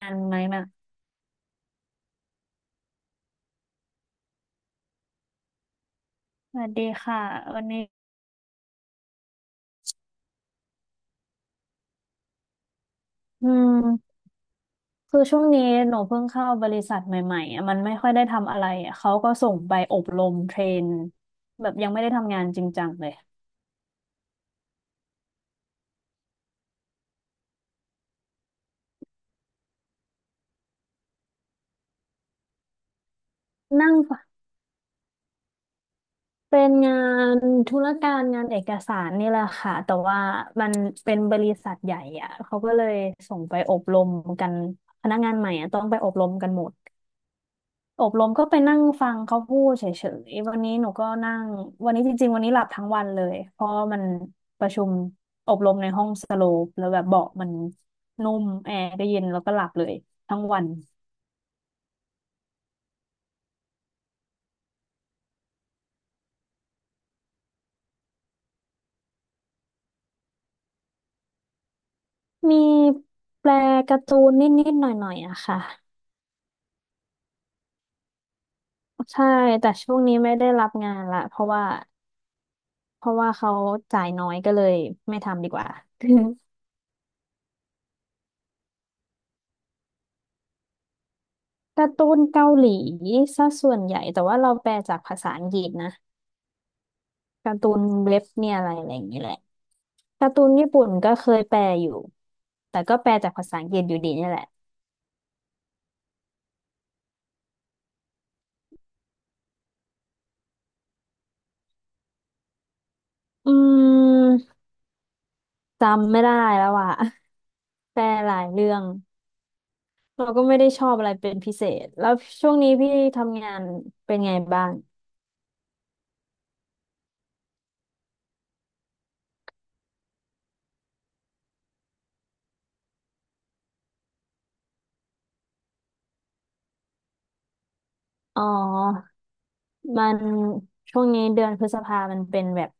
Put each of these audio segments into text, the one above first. กันไหมนะสวัสดีค่ะวันนี้อืมคือช่วงนี้หนูเพิ่งเข้าบริษัทใหม่ๆอะมันไม่ค่อยได้ทำอะไรอะเขาก็ส่งไปอบรมเทรนแบบยังไม่ได้ทำงานจริงจังเลยนั่งฟงเป็นงานธุรการงานเอกสารนี่แหละค่ะแต่ว่ามันเป็นบริษัทใหญ่อะเขาก็เลยส่งไปอบรมกันพนักงานใหม่อะต้องไปอบรมกันหมด อบรมก็ไปนั่งฟังเขาพูดเฉยๆวันนี้หนูก็นั่งวันนี้จริงๆวันนี้หลับทั้งวันเลยเพราะมันประชุมอบรมในห้องสโลปแล้วแบบเบาะมันนุ่มแอร์ก็เย็นแล้วก็หลับเลยทั้งวันมีแปลการ์ตูนนิดๆหน่อยๆอะค่ะใช่แต่ช่วงนี้ไม่ได้รับงานละเพราะว่าเขาจ่ายน้อยก็เลยไม่ทำดีกว่า การ์ตูนเกาหลีซะส่วนใหญ่แต่ว่าเราแปลจากภาษาอังกฤษนะ การ์ตูนเว็บเนี่ยอะไรอะไรอย่างนี้แหละการ์ตูนญี่ปุ่นก็เคยแปลอยู่แต่ก็แปลจากภาษาอังกฤษอยู่ดีเนี่ยแหละอืมจำไม่ได้แล้วอ่ะ แปลหลายเรื่องเราก็ไม่ได้ชอบอะไรเป็นพิเศษแล้วช่วงนี้พี่ทำงานเป็นไงบ้างอ๋อมันช่วงนี้เดือนพฤษภามันเป็นแบบ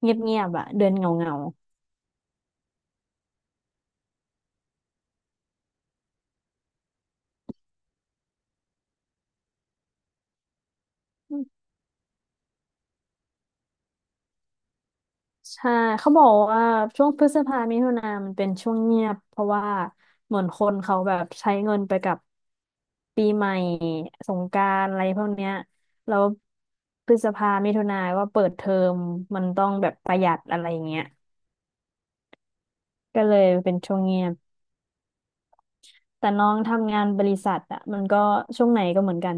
เงียบๆอ่ะเดือนเหงา ใช่เขาบอกว่าช่วงพฤษภามิถุนามันเป็นช่วงเงียบเพราะว่าเหมือนคนเขาแบบใช้เงินไปกับปีใหม่สงกรานต์อะไรพวกเนี้ยแล้วพฤษภามิถุนาก็เปิดเทอมมันต้องแบบประหยัดอะไรอย่างเงี้ยก็เลยเป็นช่วงเงียบแต่น้องทำงานบริษัทอะมันก็ช่วงไหนก็เหมือนกัน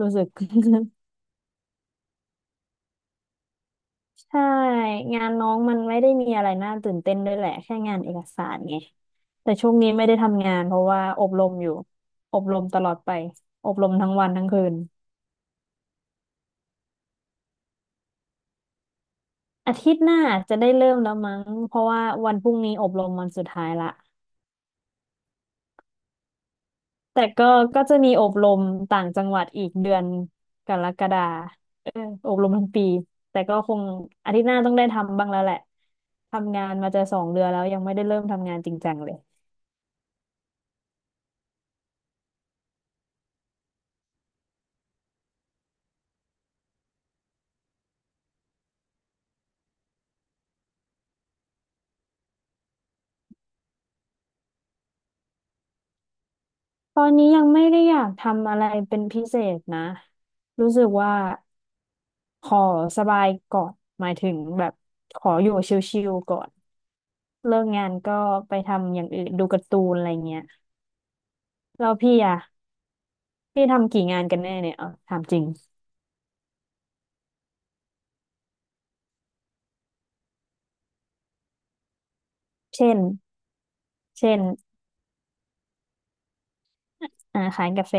รู้สึก ใช่งานน้องมันไม่ได้มีอะไรน่าตื่นเต้นด้วยแหละแค่งานเอกสารไงแต่ช่วงนี้ไม่ได้ทำงานเพราะว่าอบรมอยู่อบรมตลอดไปอบรมทั้งวันทั้งคืนอาทิตย์หน้าจะได้เริ่มแล้วมั้งเพราะว่าวันพรุ่งนี้อบรมวันสุดท้ายละแต่ก็ก็จะมีอบรมต่างจังหวัดอีกเดือนกรกฎาเอออบรมทั้งปีแต่ก็คงอาทิตย์หน้าต้องได้ทำบ้างแล้วแหละทำงานมาจะสองเดือนแล้วยังไม่ได้เริ่มทำงานจริงจังเลย ตอนนี้ยังไม่ได้อยากทำอะไรเป็นพิเศษนะ รู้สึกว่าขอสบายก่อนหมายถึงแบบขออยู่ชิลๆก่อนเลิกงานก็ไปทำอย่างอื่นดูการ์ตูนอะไรเงี้ยแล้วพี่อะพี่ทำกี่งานกันแน่เนี่ยเอาถามจริงเช่นเช่นอ่าขายกาแฟ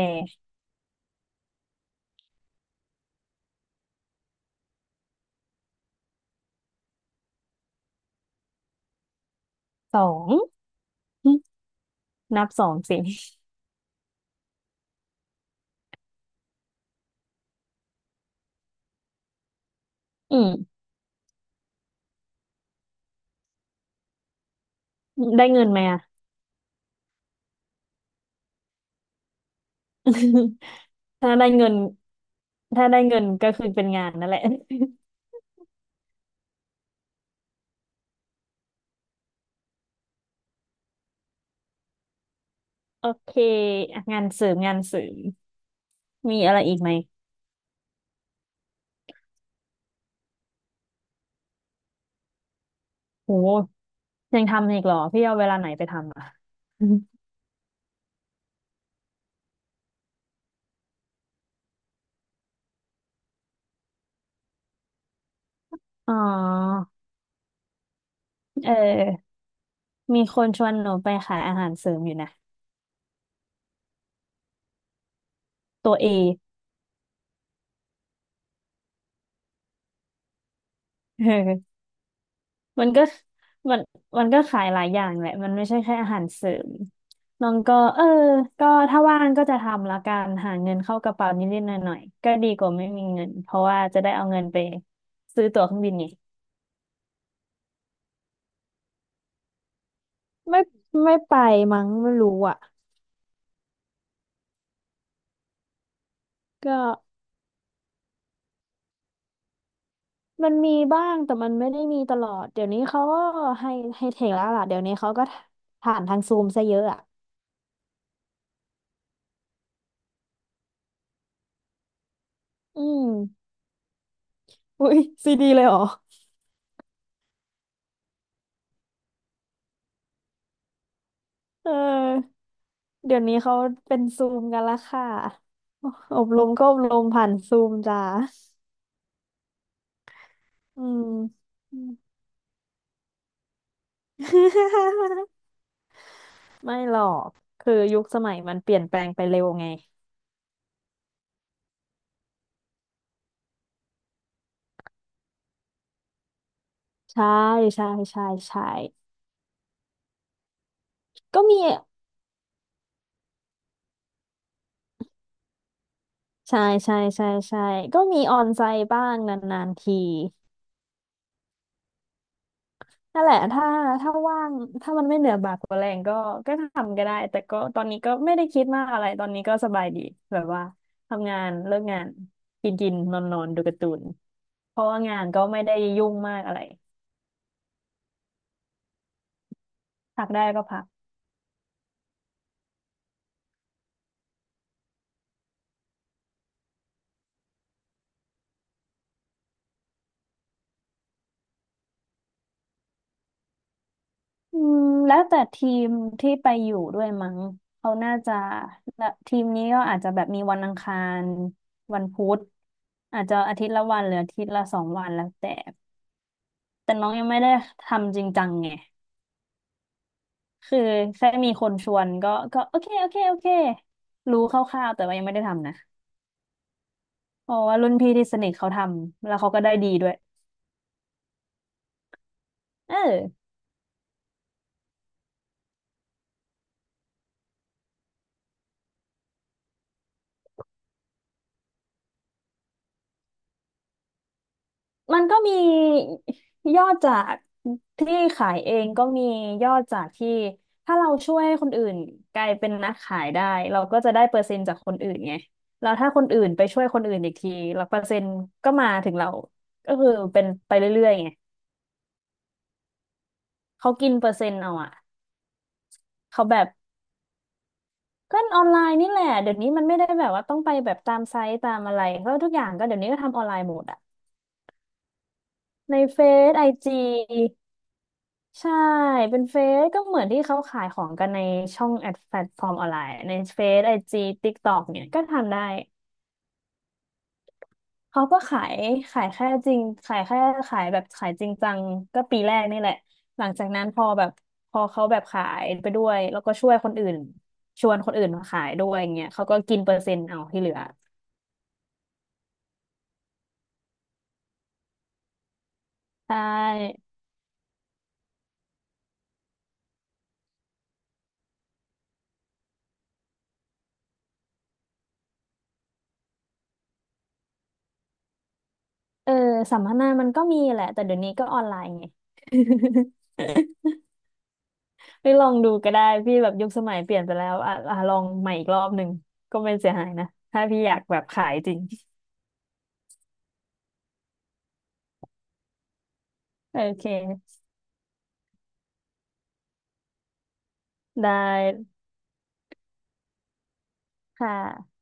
สองหึนับสองสิอืมได้เงินไหมอะ ถ้าได้เงินถ้าได้เงินก็คือเป็นงานนั่นแหละ โอเคอ่ะงานเสริมงานเสริม มีอะไรอีกไหมโหยังทำอีกเหรอพี่เอาเวลาไหนไปทำอ่ะอมอ๋อเออมีคนชวนหนูไปขายอาหารเสริมอยู่นะตัวเอเออ มันก็มันมันก็ขายหลายอย่างแหละมันไม่ใช่แค่อาหารเสริมน้องก็เออก็ถ้าว่างก็จะทำละกันหาเงินเข้ากระเป๋านิดๆหน่อยๆก็ดีกว่าไม่มีเงินเพราะว่าจะได้เอาเงินไปซื้อตั๋วเครื่องบินไงไม่ไม่ไปมั้งไม่รู้อ่ะก็ มันมีบ้างแต่มันไม่ได้มีตลอดเดี๋ยวนี้เขาก็ให้ให้เทคแล้วล่ะเดี๋ยวนี้เขาก็ผ่านทางซูมซะเยอะอ่ะอืมอุ้ยซีดีเลยเหรอเออเดี๋ยวนี้เขาเป็นซูมกันละค่ะอบรมก็อบรมผ่านซูมจ้าอืม อืมไม่หรอกคือยุคสมัยมันเปลี่ยนแปลงไปเร็วไงใช่ใช่ใช่ใช่ก็มีใช่ใช่ใช่ใช่ก็มีออนไซต์บ้างนานๆที นั่นแหละถ้าว่างถ้ามันไม่เหนือบากกว่าแรงก็ทำก็ได้แต่ก็ตอนนี้ก็ไม่ได้คิดมากอะไรตอนนี้ก็สบายดีแบบว่าทำงานเลิกงานกินกินนอนนอนดูการ์ตูนเพราะว่างานก็ไม่ได้ยุ่งมากอะไรพักได้ก็พักอืมแล้วแต่ทีมที่ไปอยู่ด้วยมั้งเขาน่าจะละทีมนี้ก็อาจจะแบบมีวันอังคารวันพุธอาจจะอาทิตย์ละวันหรืออาทิตย์ละสองวันแล้วแต่แต่น้องยังไม่ได้ทำจริงจังไง คือแค่มีคนชวนก็ก็โอเคโอเคโอเครู้คร่าวๆแต่ว่ายังไม่ได้ทำนะเพราะว่ารุ่นพี่ที่สนิทเขาทำแล้วเขาก็ได้ดีด้วยเออมันก็มียอดจากที่ขายเองก็มียอดจากที่ถ้าเราช่วยคนอื่นกลายเป็นนักขายได้เราก็จะได้เปอร์เซ็นต์จากคนอื่นไงแล้วถ้าคนอื่นไปช่วยคนอื่นอีกทีแล้วเปอร์เซ็นต์ก็มาถึงเราก็คือเป็นไปเรื่อยๆไงเขากินเปอร์เซ็นต์เอาอะเขาแบบ ก็ออนไลน์นี่แหละเดี๋ยวนี้มันไม่ได้แบบว่าต้องไปแบบตามไซต์ตามอะไรก็ทุกอย่างก็เดี๋ยวนี้ก็ทำออนไลน์หมดอะในเฟซไอจีใช่เป็นเฟซก็เหมือนที่เขาขายของกันในช่องแอดแพลตฟอร์มออนไลน์ในเฟซไอจีติ๊กต็อกเนี่ยก็ทำได้เขาก็ขายขายแค่จริงขายแค่ขายแบบขายจริงจังก็ปีแรกนี่แหละหลังจากนั้นพอเขาแบบขายไปด้วยแล้วก็ช่วยคนอื่นชวนคนอื่นมาขายด้วยอย่างเงี้ยเขาก็กินเปอร์เซ็นต์เอาที่เหลือใช่ เออสัมมนามันก็มีแหละแต่เดี๋ยวนี้ก็ออนไลน์ไง ไปลองดูก็ได้พี่แบบยุคสมัยเปลี่ยนไปแล้วอ่ะอ่ะลองใหม่อีกรอบหนึ่งก็ไม่เสียหายนะถ้าพี่อยากแบบขายจริงโอเคได้ค่ะ